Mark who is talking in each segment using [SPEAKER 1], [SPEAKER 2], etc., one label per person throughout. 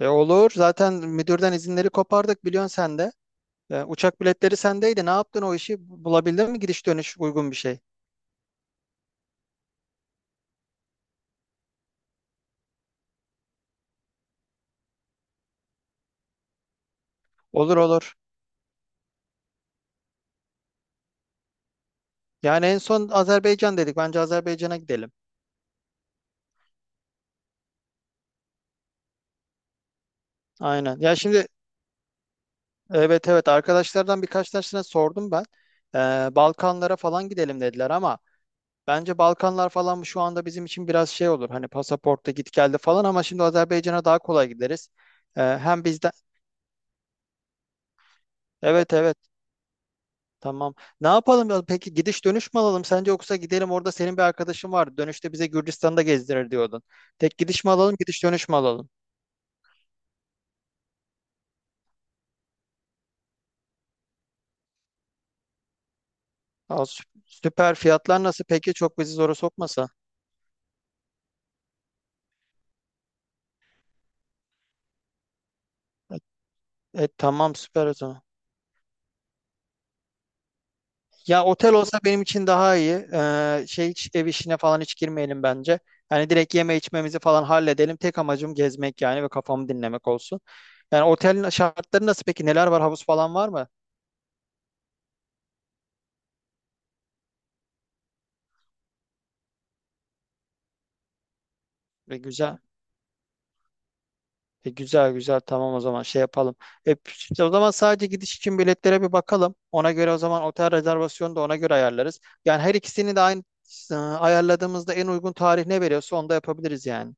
[SPEAKER 1] E olur. Zaten müdürden izinleri kopardık biliyorsun sen de. E, uçak biletleri sendeydi. Ne yaptın o işi? Bulabildin mi gidiş dönüş uygun bir şey? Olur, olur. Yani en son Azerbaycan dedik. Bence Azerbaycan'a gidelim. Aynen. Ya şimdi, evet, evet, arkadaşlardan birkaç tanesine sordum ben. E, Balkanlara falan gidelim dediler ama bence Balkanlar falan şu anda bizim için biraz şey olur. Hani pasaportta git geldi falan ama şimdi Azerbaycan'a daha kolay gideriz. E, hem bizden. Evet, evet. Tamam. Ne yapalım ya? Peki gidiş dönüş mü alalım sence yoksa gidelim orada senin bir arkadaşın var. Dönüşte bize Gürcistan'da gezdirir diyordun. Tek gidiş mi alalım, gidiş dönüş mü alalım? Aa, süper. Fiyatlar nasıl? Peki çok bizi zora sokmasa. E tamam süper o zaman. Ya otel olsa benim için daha iyi. Şey hiç ev işine falan hiç girmeyelim bence. Hani direkt yeme içmemizi falan halledelim. Tek amacım gezmek yani ve kafamı dinlemek olsun. Yani otelin şartları nasıl peki? Neler var? Havuz falan var mı? E, güzel. E, güzel, güzel, tamam o zaman şey yapalım. E, işte o zaman sadece gidiş için biletlere bir bakalım. Ona göre o zaman otel rezervasyonu da ona göre ayarlarız. Yani her ikisini de aynı ayarladığımızda en uygun tarih ne veriyorsa onu da yapabiliriz yani.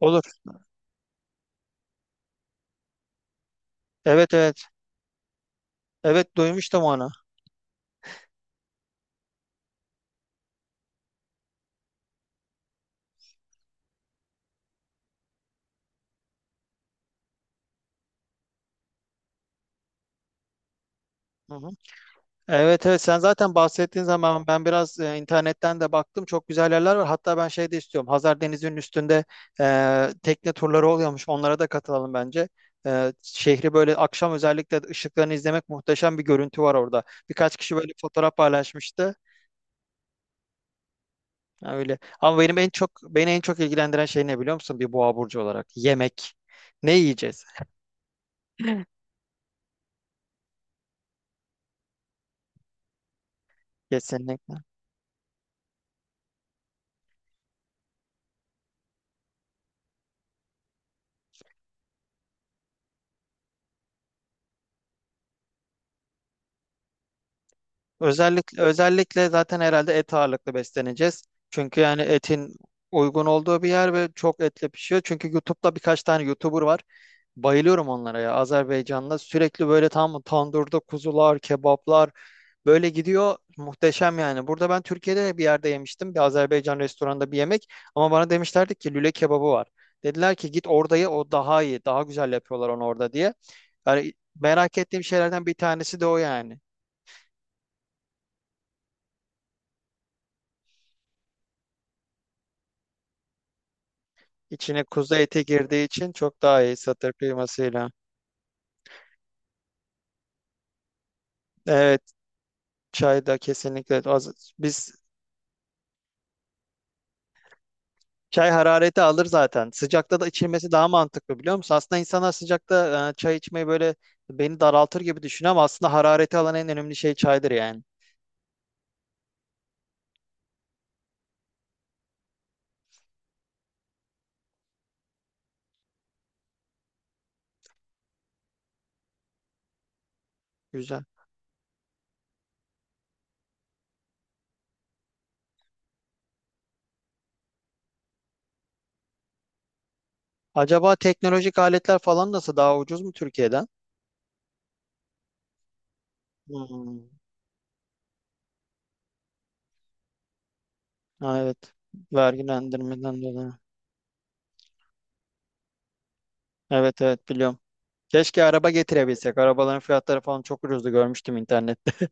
[SPEAKER 1] Olur. Evet, evet. Evet, duymuştum onu. Hı hı. Evet, evet, sen zaten bahsettiğin zaman ben biraz internetten de baktım, çok güzel yerler var. Hatta ben şey de istiyorum, Hazar Denizi'nin üstünde tekne turları oluyormuş, onlara da katılalım bence. E, şehri böyle akşam özellikle ışıklarını izlemek, muhteşem bir görüntü var orada. Birkaç kişi böyle fotoğraf paylaşmıştı. Ha, öyle. Ama beni en çok ilgilendiren şey ne biliyor musun bir boğa burcu olarak? Yemek. Ne yiyeceğiz? Kesinlikle. Özellikle, özellikle zaten herhalde et ağırlıklı besleneceğiz. Çünkü yani etin uygun olduğu bir yer ve çok etle pişiyor. Çünkü YouTube'da birkaç tane YouTuber var. Bayılıyorum onlara ya, Azerbaycan'da. Sürekli böyle tam tandırda kuzular, kebaplar böyle gidiyor. Muhteşem yani. Burada ben Türkiye'de bir yerde yemiştim, bir Azerbaycan restoranında, bir yemek. Ama bana demişlerdi ki lüle kebabı var. Dediler ki git orada, o daha iyi. Daha güzel yapıyorlar onu orada diye. Yani merak ettiğim şeylerden bir tanesi de o yani. İçine kuzu eti girdiği için çok daha iyi, satır kıymasıyla. Evet, çay da kesinlikle az. Biz çay harareti alır zaten. Sıcakta da içilmesi daha mantıklı biliyor musun? Aslında insanlar sıcakta çay içmeyi böyle beni daraltır gibi düşünüyor ama aslında harareti alan en önemli şey çaydır yani. Güzel. Acaba teknolojik aletler falan nasıl, daha ucuz mu Türkiye'den? Hmm. Ha, evet. Vergilendirmeden dolayı. Evet, evet, biliyorum. Keşke araba getirebilsek. Arabaların fiyatları falan çok ucuzdu, görmüştüm internette.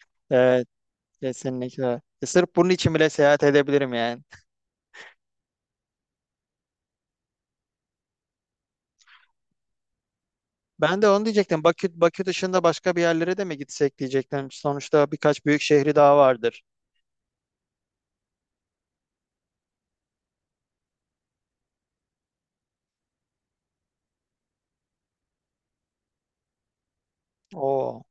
[SPEAKER 1] Ee, kesinlikle. E, sırf bunun için bile seyahat edebilirim yani. Ben de onu diyecektim. Bakü dışında başka bir yerlere de mi gitsek diyecektim. Sonuçta birkaç büyük şehri daha vardır. Oo,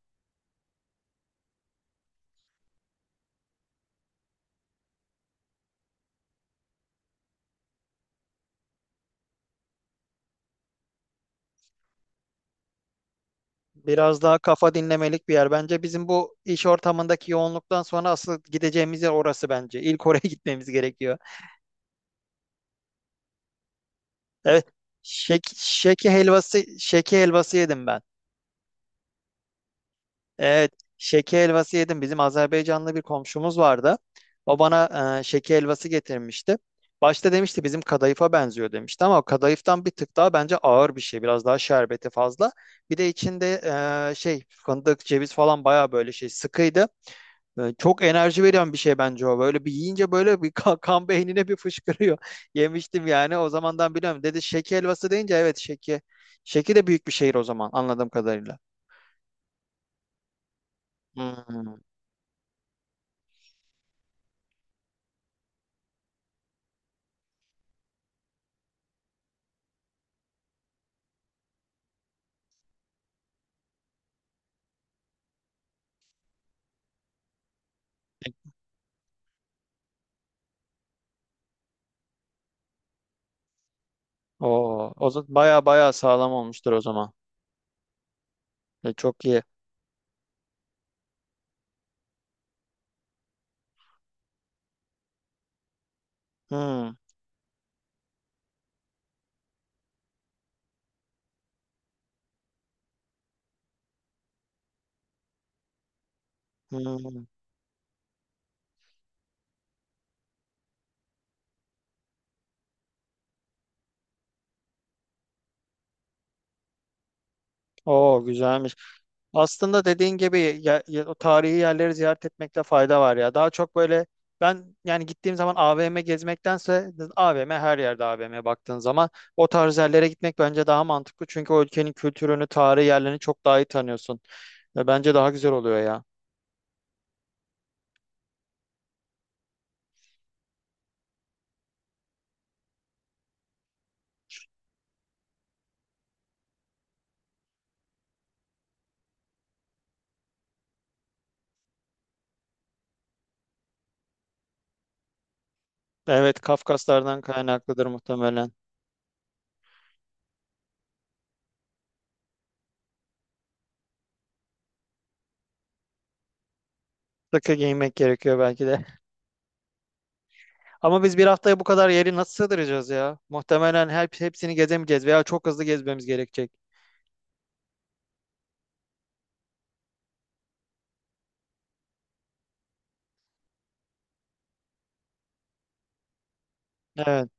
[SPEAKER 1] biraz daha kafa dinlemelik bir yer. Bence bizim bu iş ortamındaki yoğunluktan sonra asıl gideceğimiz yer orası bence. İlk oraya gitmemiz gerekiyor. Evet. Şeki helvası yedim ben. Evet, şeke helvası yedim. Bizim Azerbaycanlı bir komşumuz vardı. O bana şeke helvası getirmişti. Başta demişti bizim kadayıfa benziyor demişti ama o kadayıftan bir tık daha bence ağır bir şey. Biraz daha şerbeti fazla. Bir de içinde şey fındık, ceviz falan bayağı böyle şey sıkıydı. E, çok enerji veren bir şey bence o. Böyle bir yiyince böyle bir kan beynine bir fışkırıyor. Yemiştim yani, o zamandan biliyorum. Dedi şeke helvası deyince, evet, şeke. Şeki de büyük bir şehir o zaman, anladığım kadarıyla. Hmm. Oo, o zaman baya baya sağlam olmuştur o zaman. E, çok iyi. Hmm, hmm. Oo, güzelmiş. Aslında dediğin gibi o tarihi yerleri ziyaret etmekte fayda var ya. Daha çok böyle ben yani gittiğim zaman AVM gezmektense, AVM her yerde, AVM baktığın zaman o tarz yerlere gitmek bence daha mantıklı. Çünkü o ülkenin kültürünü, tarihi yerlerini çok daha iyi tanıyorsun. Ve bence daha güzel oluyor ya. Evet, Kafkaslardan kaynaklıdır muhtemelen. Sıkı giymek gerekiyor belki de. Ama biz bir haftaya bu kadar yeri nasıl sığdıracağız ya? Muhtemelen her hepsini gezemeyeceğiz veya çok hızlı gezmemiz gerekecek. Evet.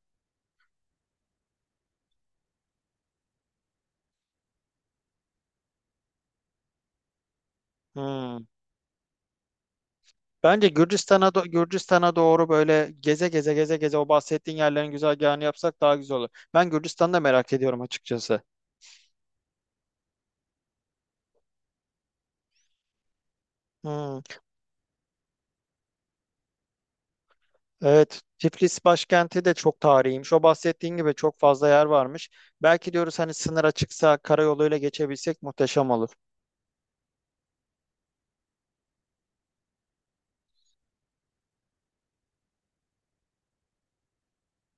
[SPEAKER 1] Hmm. Bence Gürcistan'a doğru böyle geze geze geze geze o bahsettiğin yerlerin güzergahını yapsak daha güzel olur. Ben Gürcistan'da merak ediyorum açıkçası. Hmm. Evet, Tiflis başkenti de çok tarihiymiş. O bahsettiğin gibi çok fazla yer varmış. Belki diyoruz, hani sınır açıksa karayoluyla geçebilsek muhteşem olur.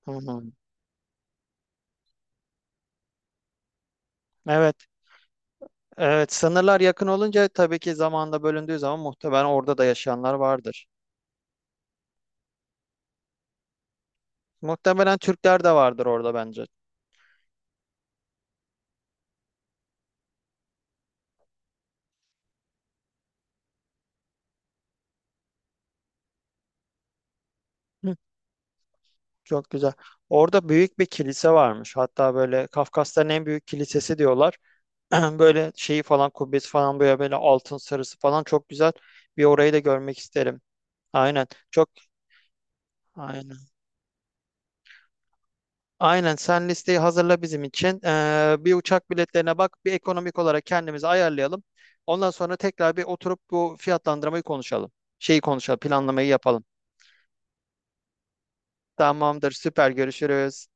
[SPEAKER 1] Hı hı. Evet. Evet, sınırlar yakın olunca tabii ki zamanla bölündüğü zaman muhtemelen orada da yaşayanlar vardır. Muhtemelen Türkler de vardır orada bence. Hı, çok güzel. Orada büyük bir kilise varmış. Hatta böyle Kafkasların en büyük kilisesi diyorlar. Böyle şeyi falan, kubbesi falan böyle, böyle altın sarısı falan, çok güzel. Bir orayı da görmek isterim. Aynen. Çok aynen. Aynen, sen listeyi hazırla bizim için. Bir uçak biletlerine bak, bir ekonomik olarak kendimizi ayarlayalım. Ondan sonra tekrar bir oturup bu fiyatlandırmayı konuşalım. Şeyi konuşalım, planlamayı yapalım. Tamamdır, süper, görüşürüz.